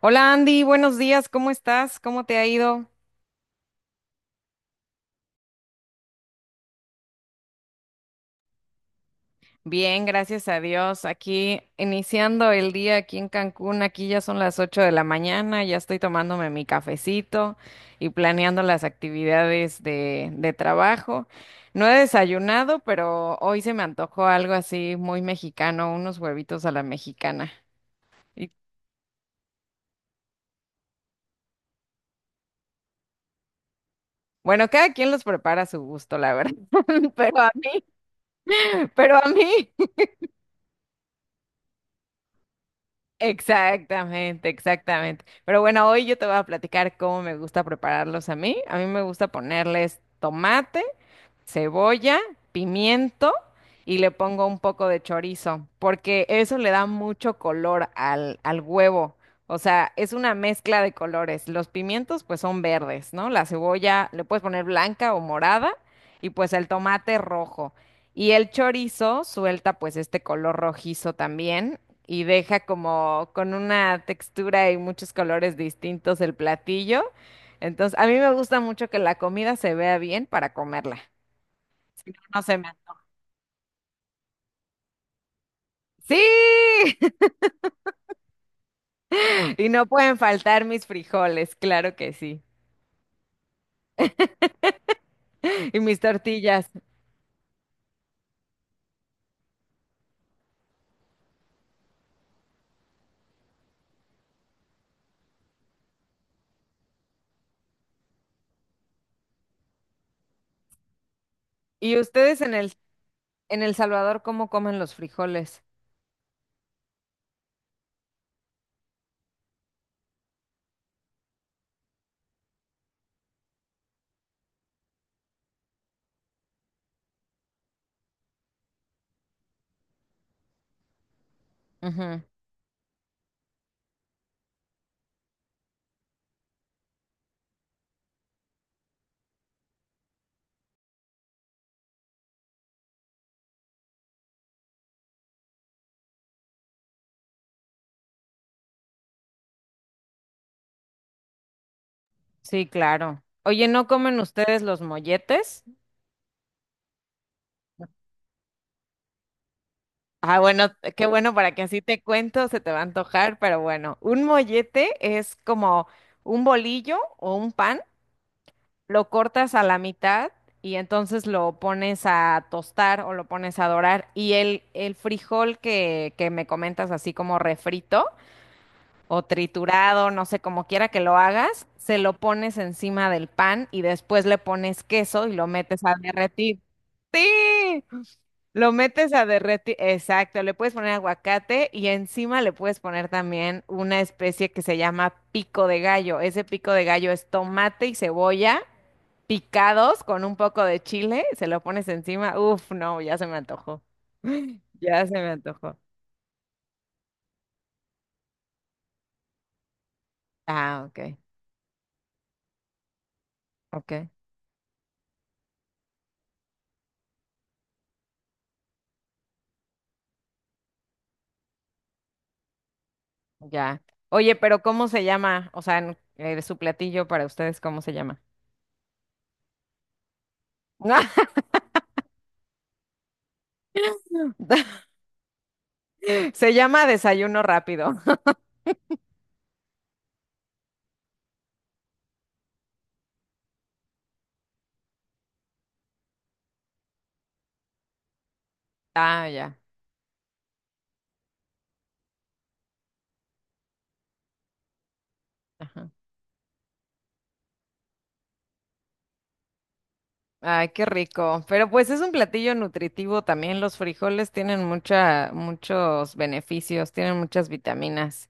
Hola Andy, buenos días, ¿cómo estás? ¿Cómo te ha ido? Bien, gracias a Dios. Aquí iniciando el día aquí en Cancún, aquí ya son las 8 de la mañana, ya estoy tomándome mi cafecito y planeando las actividades de trabajo. No he desayunado, pero hoy se me antojó algo así muy mexicano, unos huevitos a la mexicana. Y bueno, cada quien los prepara a su gusto, la verdad, pero a mí, pero a mí. Exactamente, exactamente. Pero bueno, hoy yo te voy a platicar cómo me gusta prepararlos a mí. A mí me gusta ponerles tomate, cebolla, pimiento y le pongo un poco de chorizo, porque eso le da mucho color al huevo. O sea, es una mezcla de colores. Los pimientos pues son verdes, ¿no? La cebolla le puedes poner blanca o morada y pues el tomate rojo. Y el chorizo suelta pues este color rojizo también y deja como con una textura y muchos colores distintos el platillo. Entonces, a mí me gusta mucho que la comida se vea bien para comerla. Si no, no se me antoja. ¡Sí! Y no pueden faltar mis frijoles, claro que sí. Y mis tortillas. ¿Y ustedes en El Salvador cómo comen los frijoles? Ujú. Sí, claro. Oye, ¿no comen ustedes los molletes? Ah, bueno, qué bueno, para que así te cuento, se te va a antojar, pero bueno, un mollete es como un bolillo o un pan, lo cortas a la mitad y entonces lo pones a tostar o lo pones a dorar y el frijol que me comentas así como refrito o triturado, no sé, como quiera que lo hagas, se lo pones encima del pan y después le pones queso y lo metes a derretir. ¡Sí! Lo metes a derretir, exacto, le puedes poner aguacate y encima le puedes poner también una especie que se llama pico de gallo. Ese pico de gallo es tomate y cebolla picados con un poco de chile, se lo pones encima. Uf, no, ya se me antojó. Ya se me antojó. Ah, ok. Ok, ya. Oye, pero ¿cómo se llama? O sea, su platillo para ustedes, ¿cómo se llama? Se llama desayuno rápido. Ah, ya. Ay, qué rico. Pero pues es un platillo nutritivo también. Los frijoles tienen mucha, muchos beneficios, tienen muchas vitaminas.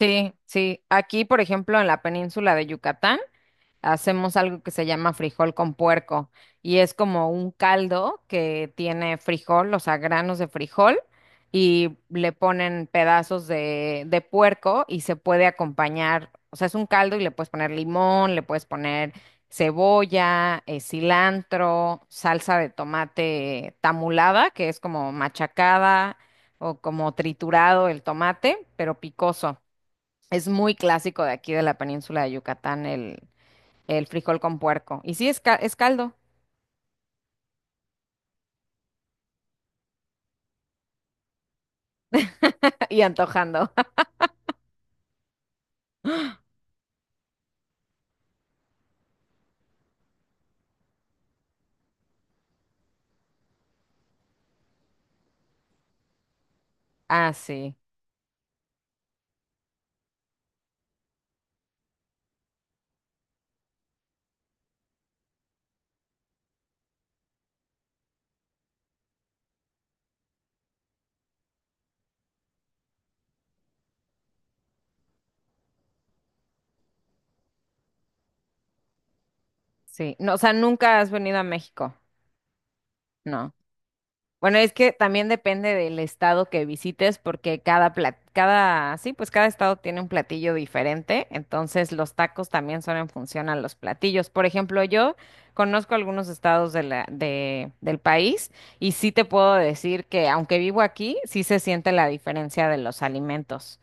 Sí, sí. Aquí, por ejemplo, en la península de Yucatán, hacemos algo que se llama frijol con puerco y es como un caldo que tiene frijol, o sea, granos de frijol y le ponen pedazos de puerco y se puede acompañar, o sea, es un caldo y le puedes poner limón, le puedes poner cebolla, cilantro, salsa de tomate tamulada, que es como machacada o como triturado el tomate, pero picoso. Es muy clásico de aquí de la península de Yucatán el frijol con puerco. Y sí, es, es caldo. Y antojando. Ah, sí, sí. No, o sea, nunca has venido a México. No. Bueno, es que también depende del estado que visites, porque cada, sí, pues cada estado tiene un platillo diferente. Entonces, los tacos también son en función a los platillos. Por ejemplo, yo conozco algunos estados del país y sí te puedo decir que, aunque vivo aquí, sí se siente la diferencia de los alimentos,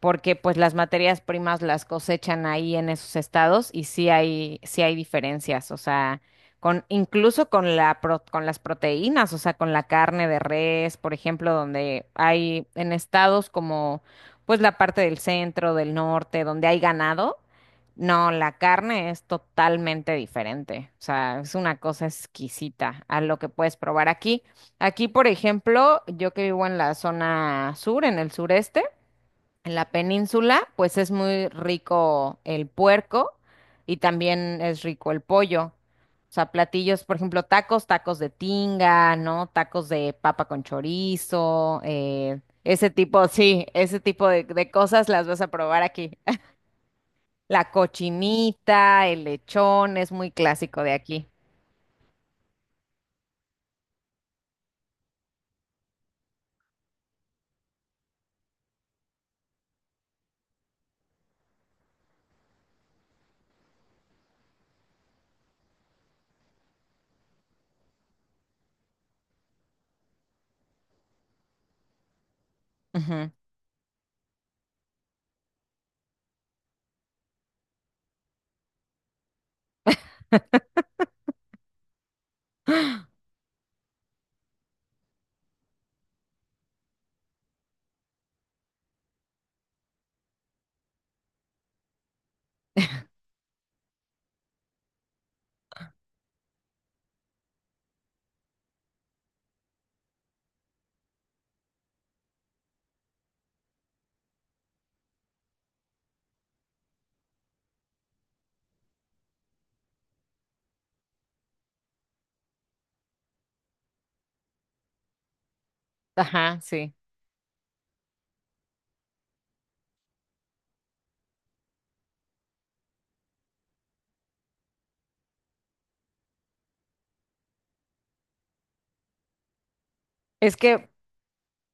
porque pues las materias primas las cosechan ahí en esos estados y sí hay diferencias, o sea, incluso con con las proteínas, o sea, con la carne de res, por ejemplo, donde hay en estados como pues la parte del centro, del norte, donde hay ganado, no, la carne es totalmente diferente, o sea, es una cosa exquisita a lo que puedes probar aquí. Aquí, por ejemplo, yo que vivo en la zona sur, en el sureste, en la península, pues es muy rico el puerco y también es rico el pollo. O sea, platillos, por ejemplo, tacos, tacos de tinga, ¿no? Tacos de papa con chorizo, ese tipo, sí, ese tipo de cosas las vas a probar aquí. La cochinita, el lechón, es muy clásico de aquí. Ujú. Ajá, sí. Es que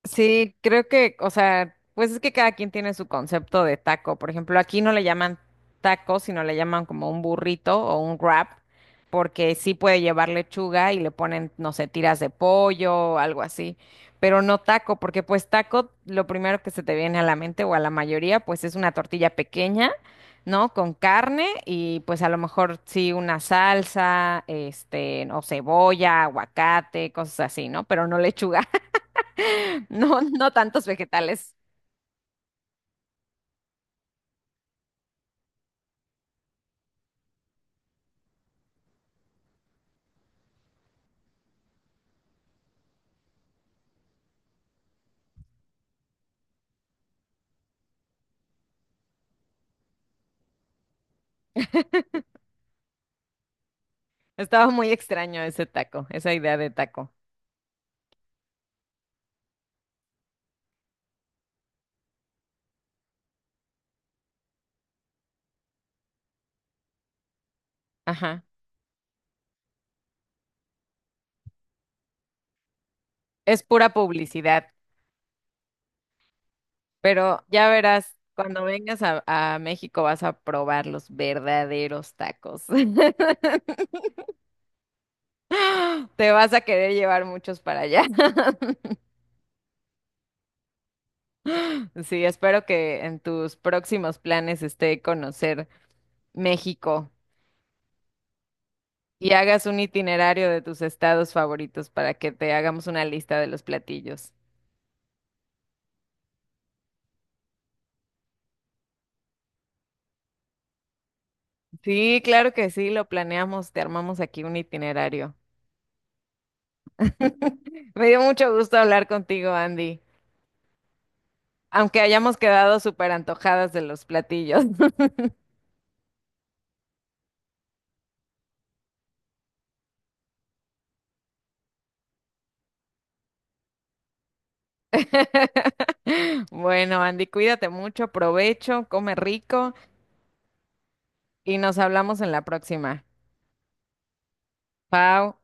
sí, creo que, o sea, pues es que cada quien tiene su concepto de taco. Por ejemplo, aquí no le llaman taco, sino le llaman como un burrito o un wrap, porque sí puede llevar lechuga y le ponen, no sé, tiras de pollo o algo así, pero no taco, porque pues taco, lo primero que se te viene a la mente o a la mayoría, pues es una tortilla pequeña, ¿no? Con carne y pues a lo mejor sí una salsa, este, o cebolla, aguacate, cosas así, ¿no? Pero no lechuga. No, no tantos vegetales. Estaba muy extraño ese taco, esa idea de taco. Ajá. Es pura publicidad, pero ya verás, cuando vengas a, México vas a probar los verdaderos tacos. Te vas a querer llevar muchos para allá. Sí, espero que en tus próximos planes esté conocer México y hagas un itinerario de tus estados favoritos para que te hagamos una lista de los platillos. Sí, claro que sí, lo planeamos, te armamos aquí un itinerario. Me dio mucho gusto hablar contigo, Andy, aunque hayamos quedado súper antojadas de los platillos. Bueno, Andy, cuídate mucho, provecho, come rico y nos hablamos en la próxima. Pau.